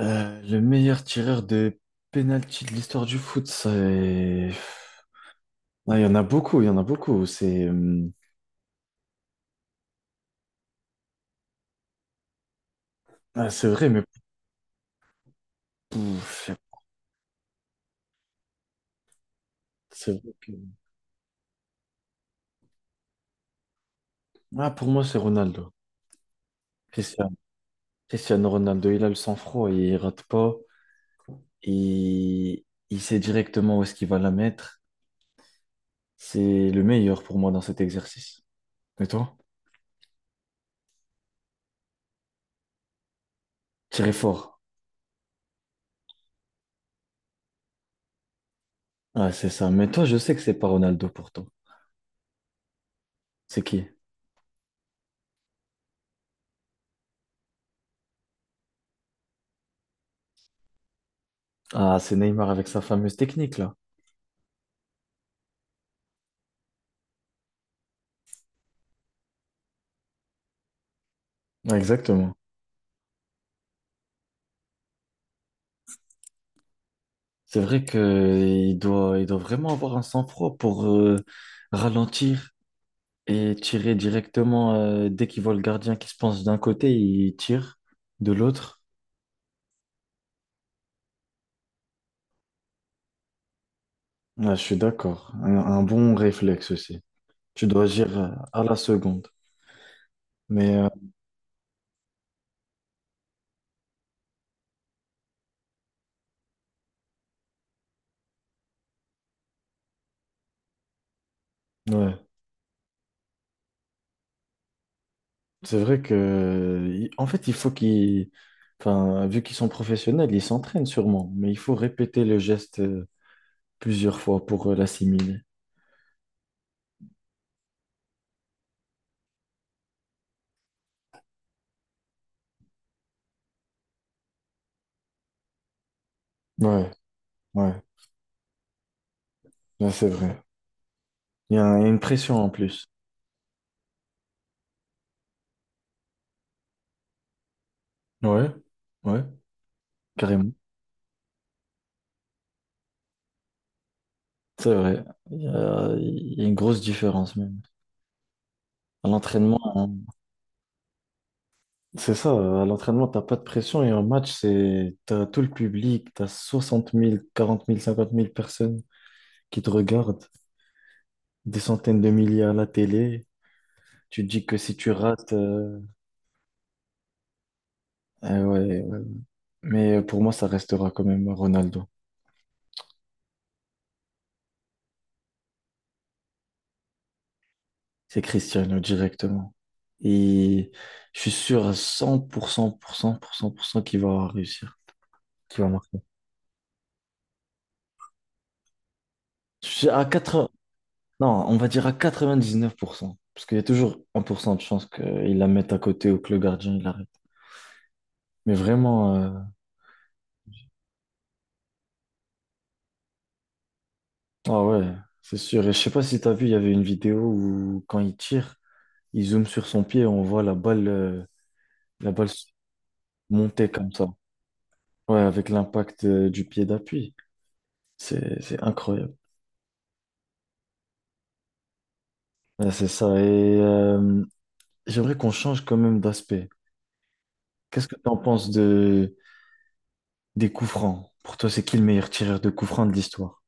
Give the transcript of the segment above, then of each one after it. Le meilleur tireur de penalty de l'histoire du foot, c'est... Ah, il y en a beaucoup, il y en a beaucoup. C'est Ah, c'est vrai, mais pouf. c'est vrai que- Ah, pour moi, c'est Ronaldo. Cristiano. Cristiano Ronaldo, il a le sang-froid, il rate pas. Il sait directement où est-ce qu'il va la mettre. C'est le meilleur pour moi dans cet exercice. Et toi? Tirer fort. Ah, c'est ça. Mais toi, je sais que c'est pas Ronaldo pour toi. C'est qui? Ah, c'est Neymar avec sa fameuse technique, là. Ah, exactement. C'est vrai qu'il doit vraiment avoir un sang-froid pour ralentir et tirer directement. Dès qu'il voit le gardien qui se penche d'un côté, il tire de l'autre. Ah, je suis d'accord. Un bon réflexe aussi. Tu dois agir à la seconde. Mais ouais, c'est vrai que, en fait, il faut qu'ils, enfin, vu qu'ils sont professionnels, ils s'entraînent sûrement. Mais il faut répéter le geste plusieurs fois pour l'assimiler. Ouais, ouais, là, c'est vrai. Il y a une pression en plus. Ouais, ouais. Carrément. C'est vrai. Il y a une grosse différence même. À l'entraînement, hein, c'est ça. À l'entraînement, t'as pas de pression et en match, c'est, t'as tout le public, t'as 60 000 40 000 50 000 personnes qui te regardent, des centaines de milliers à la télé. Tu te dis que si tu rates, ah ouais, ouais. Mais pour moi, ça restera quand même Ronaldo. C'est Cristiano directement. Et je suis sûr à cent pour cent pour cent, pour cent qu'il va réussir, qu'il va marquer. Je suis à 80... Non, on va dire à 99% parce qu'il y a toujours 1% de chance qu'il la mette à côté ou que le gardien il arrête. Mais vraiment, ah ouais, c'est sûr. Et je sais pas si tu as vu, il y avait une vidéo où quand il tire, il zoome sur son pied et on voit la balle monter comme ça. Ouais, avec l'impact du pied d'appui. C'est incroyable. Ouais, c'est ça. Et j'aimerais qu'on change quand même d'aspect. Qu'est-ce que tu en penses des coups francs? Pour toi, c'est qui le meilleur tireur de coups francs de l'histoire?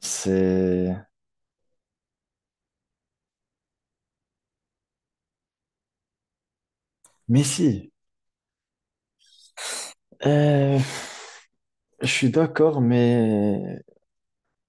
C'est Messi. Euh, je suis d'accord, mais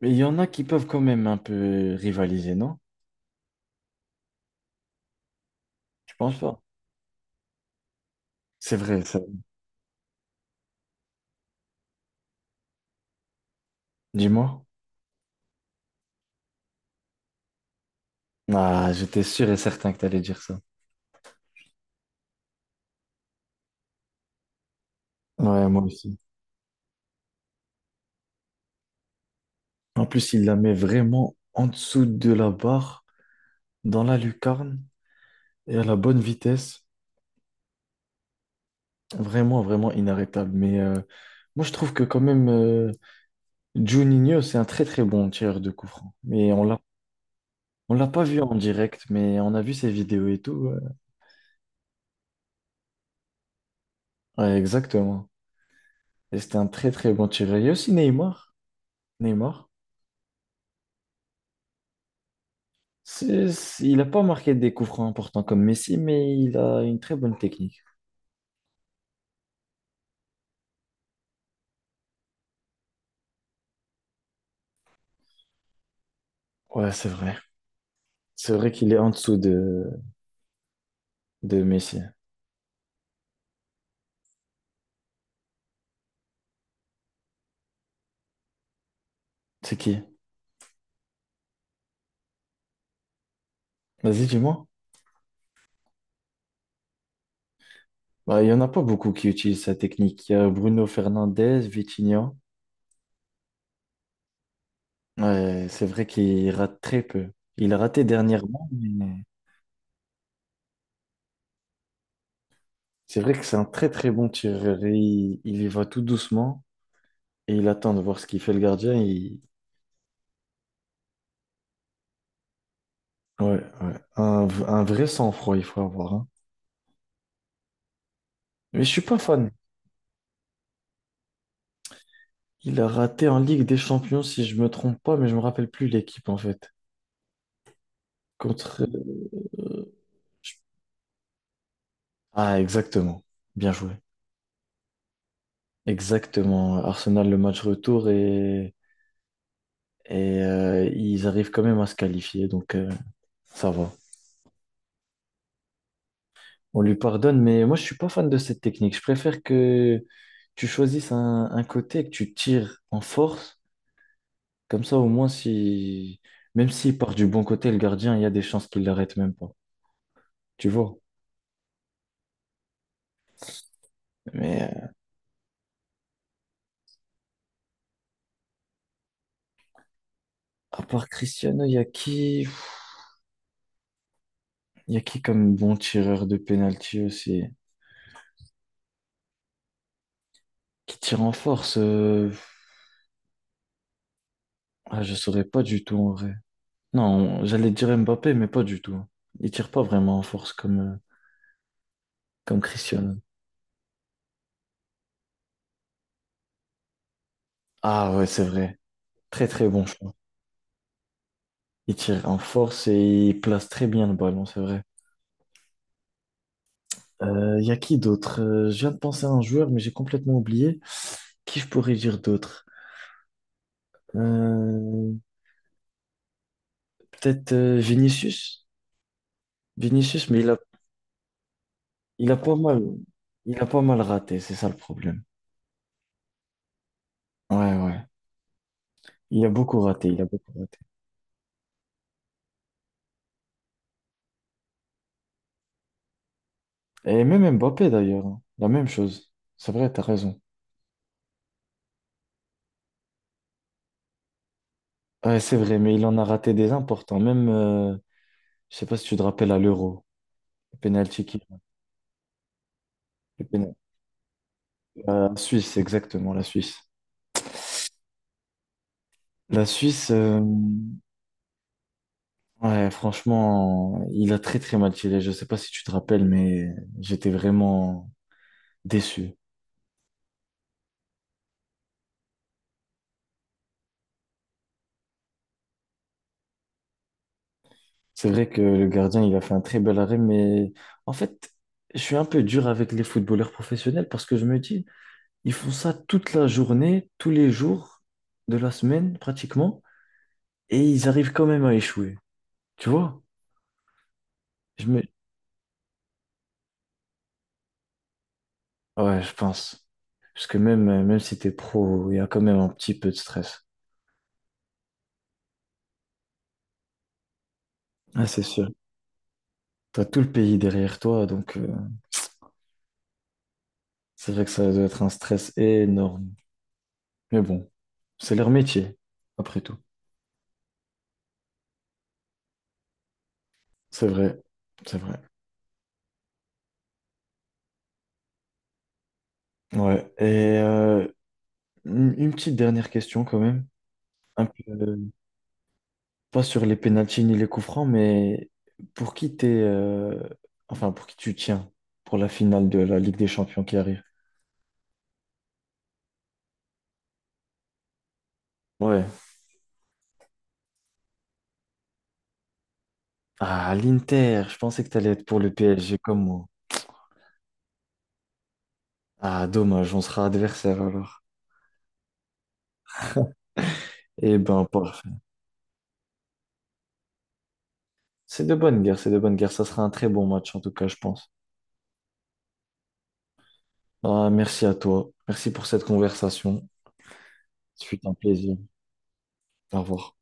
mais il y en a qui peuvent quand même un peu rivaliser, non? Tu penses pas? C'est vrai, ça. Dis-moi. Ah, j'étais sûr et certain que tu allais dire ça. Ouais, moi aussi. En plus, il la met vraiment en dessous de la barre, dans la lucarne et à la bonne vitesse. Vraiment, vraiment inarrêtable. Mais moi, je trouve que quand même, Juninho, c'est un très très bon tireur de coup franc. Mais on l'a pas vu en direct, mais on a vu ses vidéos et tout. Ouais, ouais, exactement. Et c'était un très très bon tireur. Il y a aussi Neymar. Neymar, il a pas marqué des coups francs importants comme Messi, mais il a une très bonne technique. Ouais, c'est vrai. C'est vrai qu'il est en dessous de Messi. C'est qui? Vas-y, dis-moi. Bah, il y en a pas beaucoup qui utilisent sa technique. Il y a Bruno Fernandes, Vitinha. Ouais, c'est vrai qu'il rate très peu. Il a raté dernièrement, mais c'est vrai que c'est un très très bon tireur. Et il y va tout doucement et il attend de voir ce qu'il fait le gardien. Ouais, ouais. Un vrai sang-froid, il faut avoir, hein. Mais je suis pas fan. Il a raté en Ligue des Champions, si je me trompe pas, mais je me rappelle plus l'équipe en fait. Contre... Ah, exactement. Bien joué. Exactement. Arsenal, le match retour et ils arrivent quand même à se qualifier, donc ça va. On lui pardonne, mais moi, je suis pas fan de cette technique. Je préfère que tu choisisses un côté, que tu tires en force. Comme ça, au moins, si, même s'il part du bon côté, le gardien, il y a des chances qu'il l'arrête même pas. Tu vois? Mais à part Cristiano, il y a qui comme bon tireur de penalty aussi? Qui tire en force? Ah, je saurais pas du tout en vrai. Non, j'allais dire Mbappé, mais pas du tout. Il tire pas vraiment en force comme, comme Cristiano. Ah ouais, c'est vrai. Très très bon. Il tire en force et il place très bien le ballon, c'est vrai. Il y a qui d'autre? Je viens de penser à un joueur, mais j'ai complètement oublié. Qui je pourrais dire d'autre? Euh, peut-être Vinicius. Vinicius, mais il a pas mal, il a pas mal raté, c'est ça le problème. Ouais, ouais. Il a beaucoup raté, il a beaucoup raté. Et même Mbappé d'ailleurs, hein, la même chose. C'est vrai, t'as raison. Ouais, c'est vrai, mais il en a raté des importants. Même, je sais pas si tu te rappelles à l'Euro, le penalty qu'il, la Suisse, exactement, la Suisse. La Suisse, ouais, franchement, il a très très mal tiré. Je sais pas si tu te rappelles, mais j'étais vraiment déçu. C'est vrai que le gardien, il a fait un très bel arrêt, mais en fait, je suis un peu dur avec les footballeurs professionnels parce que je me dis, ils font ça toute la journée, tous les jours de la semaine pratiquement, et ils arrivent quand même à échouer. Tu vois? Je me... Ouais, je pense. Parce que même, même si t'es pro, il y a quand même un petit peu de stress. Ah, c'est sûr. T'as tout le pays derrière toi, donc c'est vrai que ça doit être un stress énorme. Mais bon, c'est leur métier, après tout. C'est vrai, c'est vrai. Ouais. Et une petite dernière question quand même. Un peu, pas sur les pénaltys ni les coups francs, mais pour qui t'es, enfin pour qui tu tiens pour la finale de la Ligue des Champions qui arrive? Ouais. Ah, l'Inter, je pensais que t'allais être pour le PSG comme moi. Ah, dommage, on sera adversaire alors. Eh ben, pas. C'est de bonnes guerres, c'est de bonnes guerres. Ça sera un très bon match, en tout cas, je pense. Ah, merci à toi. Merci pour cette conversation. C'était un plaisir. Au revoir.